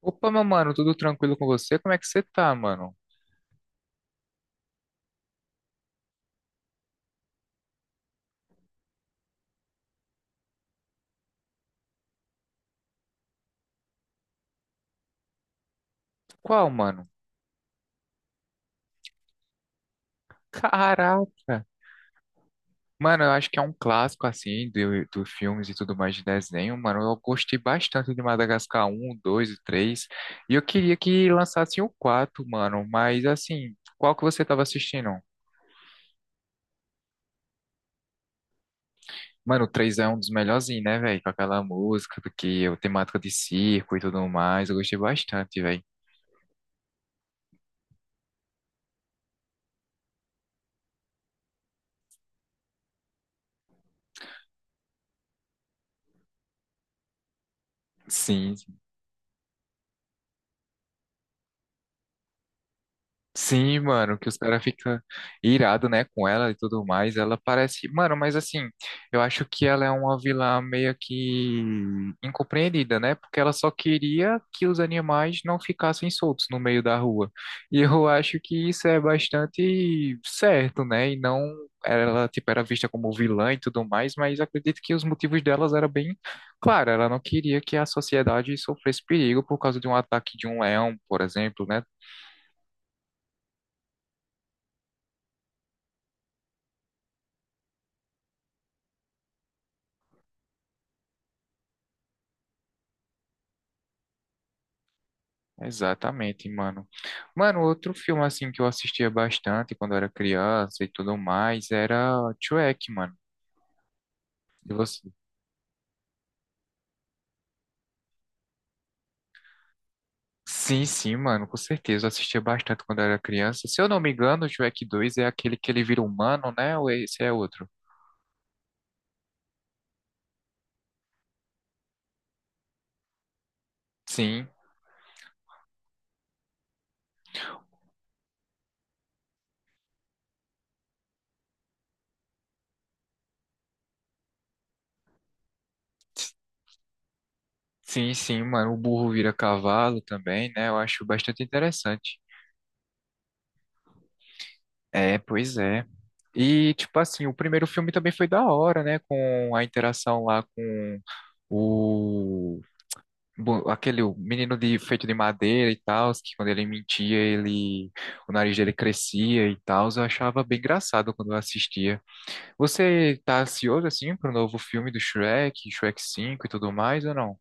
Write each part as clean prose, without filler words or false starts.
Opa, meu mano, tudo tranquilo com você? Como é que você tá, mano? Qual, mano? Caraca! Mano, eu acho que é um clássico, assim, dos filmes e tudo mais de desenho, mano. Eu gostei bastante de Madagascar um, 2 e três. E eu queria que lançassem o 4, mano. Mas, assim, qual que você tava assistindo? Mano, o 3 é um dos melhorzinhos, né, velho? Com aquela música, porque a temática de circo e tudo mais. Eu gostei bastante, velho. Sim. Sim, mano, que os caras ficam irados, né, com ela e tudo mais. Ela parece. Mano, mas assim, eu acho que ela é uma vilã meio que incompreendida, né? Porque ela só queria que os animais não ficassem soltos no meio da rua. E eu acho que isso é bastante certo, né? E não ela, tipo, era vista como vilã e tudo mais, mas acredito que os motivos delas eram bem claros. Ela não queria que a sociedade sofresse perigo por causa de um ataque de um leão, por exemplo, né? Exatamente, mano. Mano, outro filme assim que eu assistia bastante quando eu era criança e tudo mais era Shrek, mano. E você? Sim, sim, mano, com certeza. Eu assistia bastante quando eu era criança. Se eu não me engano, o Shrek 2 é aquele que ele vira humano, né? Ou esse é outro? Sim, sim, sim, mano. O burro vira cavalo também, né? Eu acho bastante interessante. É, pois é. E, tipo assim, o primeiro filme também foi da hora, né? Com a interação lá com o aquele o menino de feito de madeira e tal, que quando ele mentia, ele o nariz dele crescia e tal, eu achava bem engraçado quando eu assistia. Você tá ansioso assim pro novo filme do Shrek, Shrek 5 e tudo mais ou não?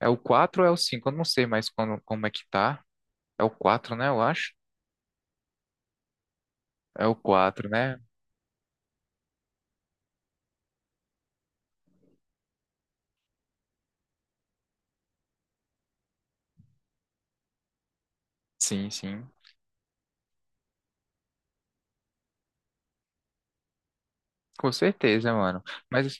É o 4 ou é o cinco? Eu não sei mais como é que tá. É o quatro, né, eu acho. É o quatro, né? Sim, sim. Com certeza, mano. Mas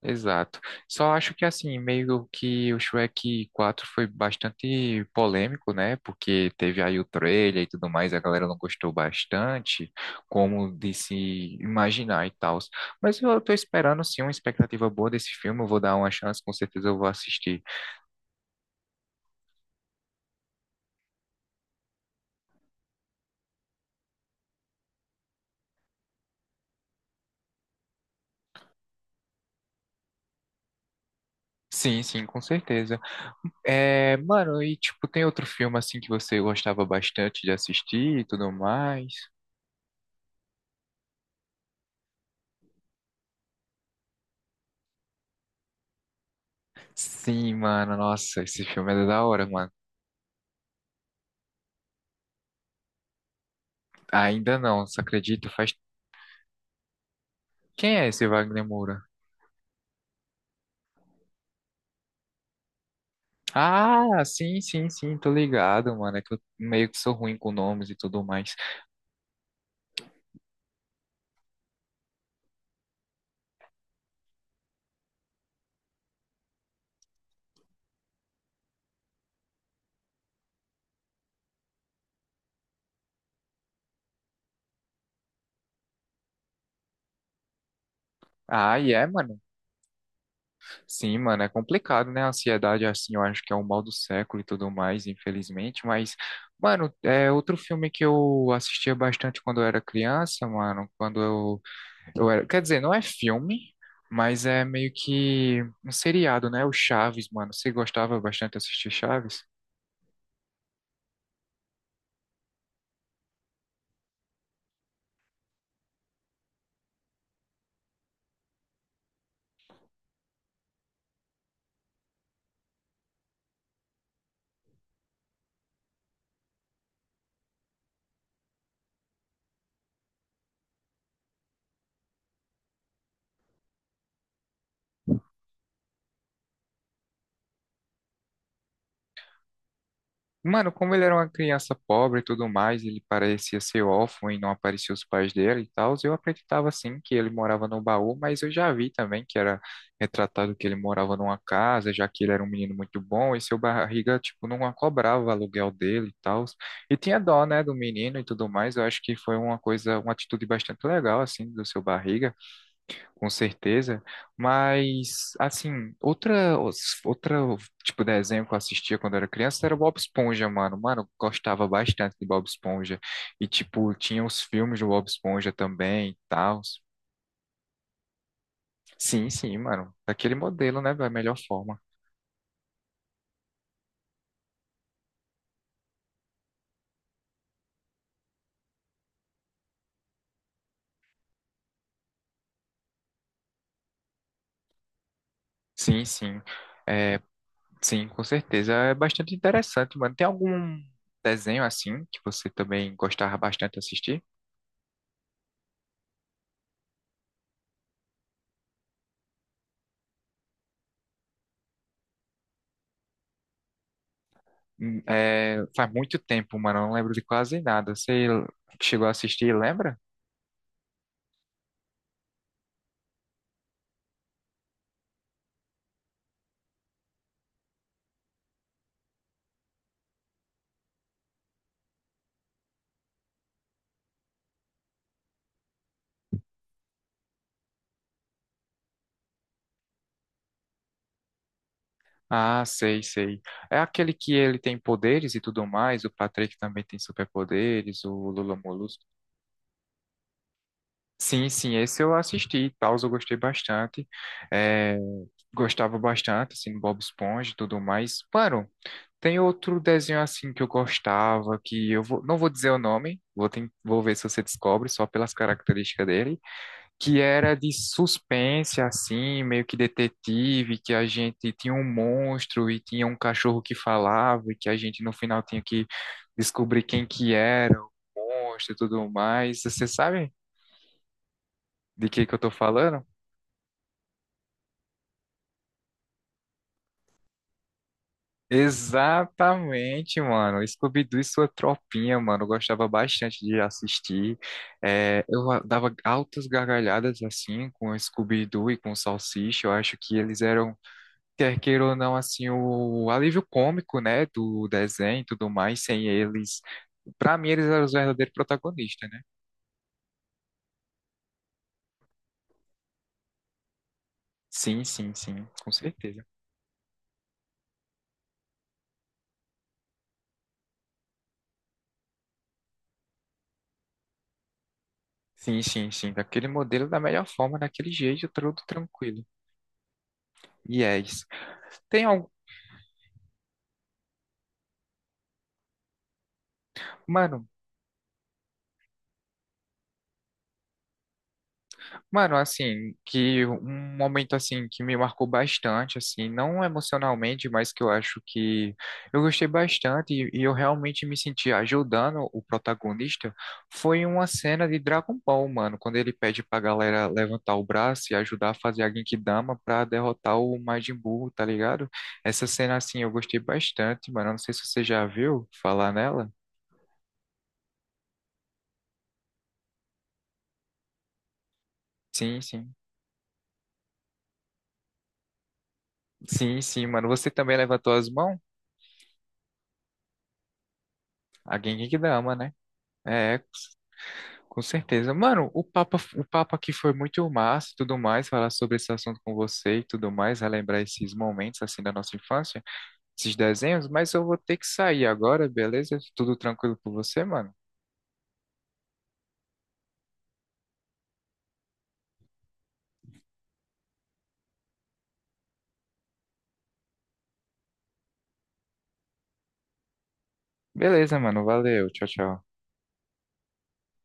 exato. Só acho que assim, meio que o Shrek 4 foi bastante polêmico, né? Porque teve aí o trailer e tudo mais, a galera não gostou bastante, como de se imaginar e tal. Mas eu tô esperando sim uma expectativa boa desse filme, eu vou dar uma chance, com certeza eu vou assistir. Sim, sim, com certeza. É, mano, e tipo, tem outro filme assim que você gostava bastante de assistir e tudo mais? Sim, mano, nossa, esse filme é da hora, mano. Ainda não, você acredita? Faz... Quem é esse Wagner Moura? Ah, sim, sim, sim, tô ligado, mano. É que eu meio que sou ruim com nomes e tudo mais. Ah, e é, mano. Sim, mano, é complicado, né? A ansiedade, assim, eu acho que é o mal do século e tudo mais, infelizmente. Mas, mano, é outro filme que eu assistia bastante quando eu era criança, mano. Quando eu era. Quer dizer, não é filme, mas é meio que um seriado, né? O Chaves, mano. Você gostava bastante de assistir Chaves? Mano, como ele era uma criança pobre e tudo mais, ele parecia ser órfão e não apareciam os pais dele e tal, eu acreditava sim que ele morava no baú, mas eu já vi também que era retratado que ele morava numa casa, já que ele era um menino muito bom e seu barriga, tipo, não cobrava o aluguel dele e tal. E tinha dó, né, do menino e tudo mais, eu acho que foi uma coisa, uma atitude bastante legal, assim, do seu barriga. Com certeza, mas assim, outra, outra tipo de desenho que eu assistia quando era criança era Bob Esponja, mano. Mano, eu gostava bastante de Bob Esponja e tipo, tinha os filmes do Bob Esponja também e tal. Sim, sim, mano. Daquele modelo, né, da melhor forma. Sim, sim. Sim, com certeza. É bastante interessante, mano. Tem algum desenho assim que você também gostava bastante de assistir? É, faz muito tempo, mano. Eu não lembro de quase nada. Você chegou a assistir, lembra? Ah, sei, sei. É aquele que ele tem poderes e tudo mais, o Patrick também tem superpoderes, o Lula Molusco. Sim, sim, esse eu assisti e tal, eu gostei bastante. É, gostava bastante, assim, do Bob Esponja e tudo mais. Mano, tem outro desenho assim que eu gostava, que eu vou, não vou dizer o nome, vou, vou ver se você descobre só pelas características dele, que era de suspense, assim, meio que detetive, que a gente tinha um monstro e tinha um cachorro que falava e que a gente no final tinha que descobrir quem que era o monstro e tudo mais. Você sabe de que eu tô falando? Exatamente, mano. Scooby-Doo e sua tropinha, mano. Eu gostava bastante de assistir. É, dava altas gargalhadas assim com o Scooby-Doo e com o Salsicha. Eu acho que eles eram, quer queira ou não, assim, o alívio cômico, né, do desenho e tudo mais, sem eles, pra mim eles eram os verdadeiros protagonistas, né? Sim, sim, sim, com certeza. Sim, sim, sim, daquele modelo, da melhor forma, daquele jeito, tudo tranquilo. E é isso. Tem algum... Mano, Mano, assim, que um momento assim que me marcou bastante, assim, não emocionalmente, mas que eu acho que eu gostei bastante e eu realmente me senti ajudando o protagonista, foi uma cena de Dragon Ball, mano, quando ele pede pra galera levantar o braço e ajudar a fazer a Genkidama pra derrotar o Majin Buu, tá ligado? Essa cena, assim, eu gostei bastante, mano, eu não sei se você já viu falar nela. Sim, sim. Sim, sim, mano, você também levantou as mãos? A Genkidama, né? É, com certeza. Mano, o papo aqui foi muito massa e tudo mais, falar sobre esse assunto com você e tudo mais, relembrar esses momentos assim da nossa infância, esses desenhos, mas eu vou ter que sair agora, beleza? Tudo tranquilo com você, mano? Beleza, mano. Valeu. Tchau, tchau.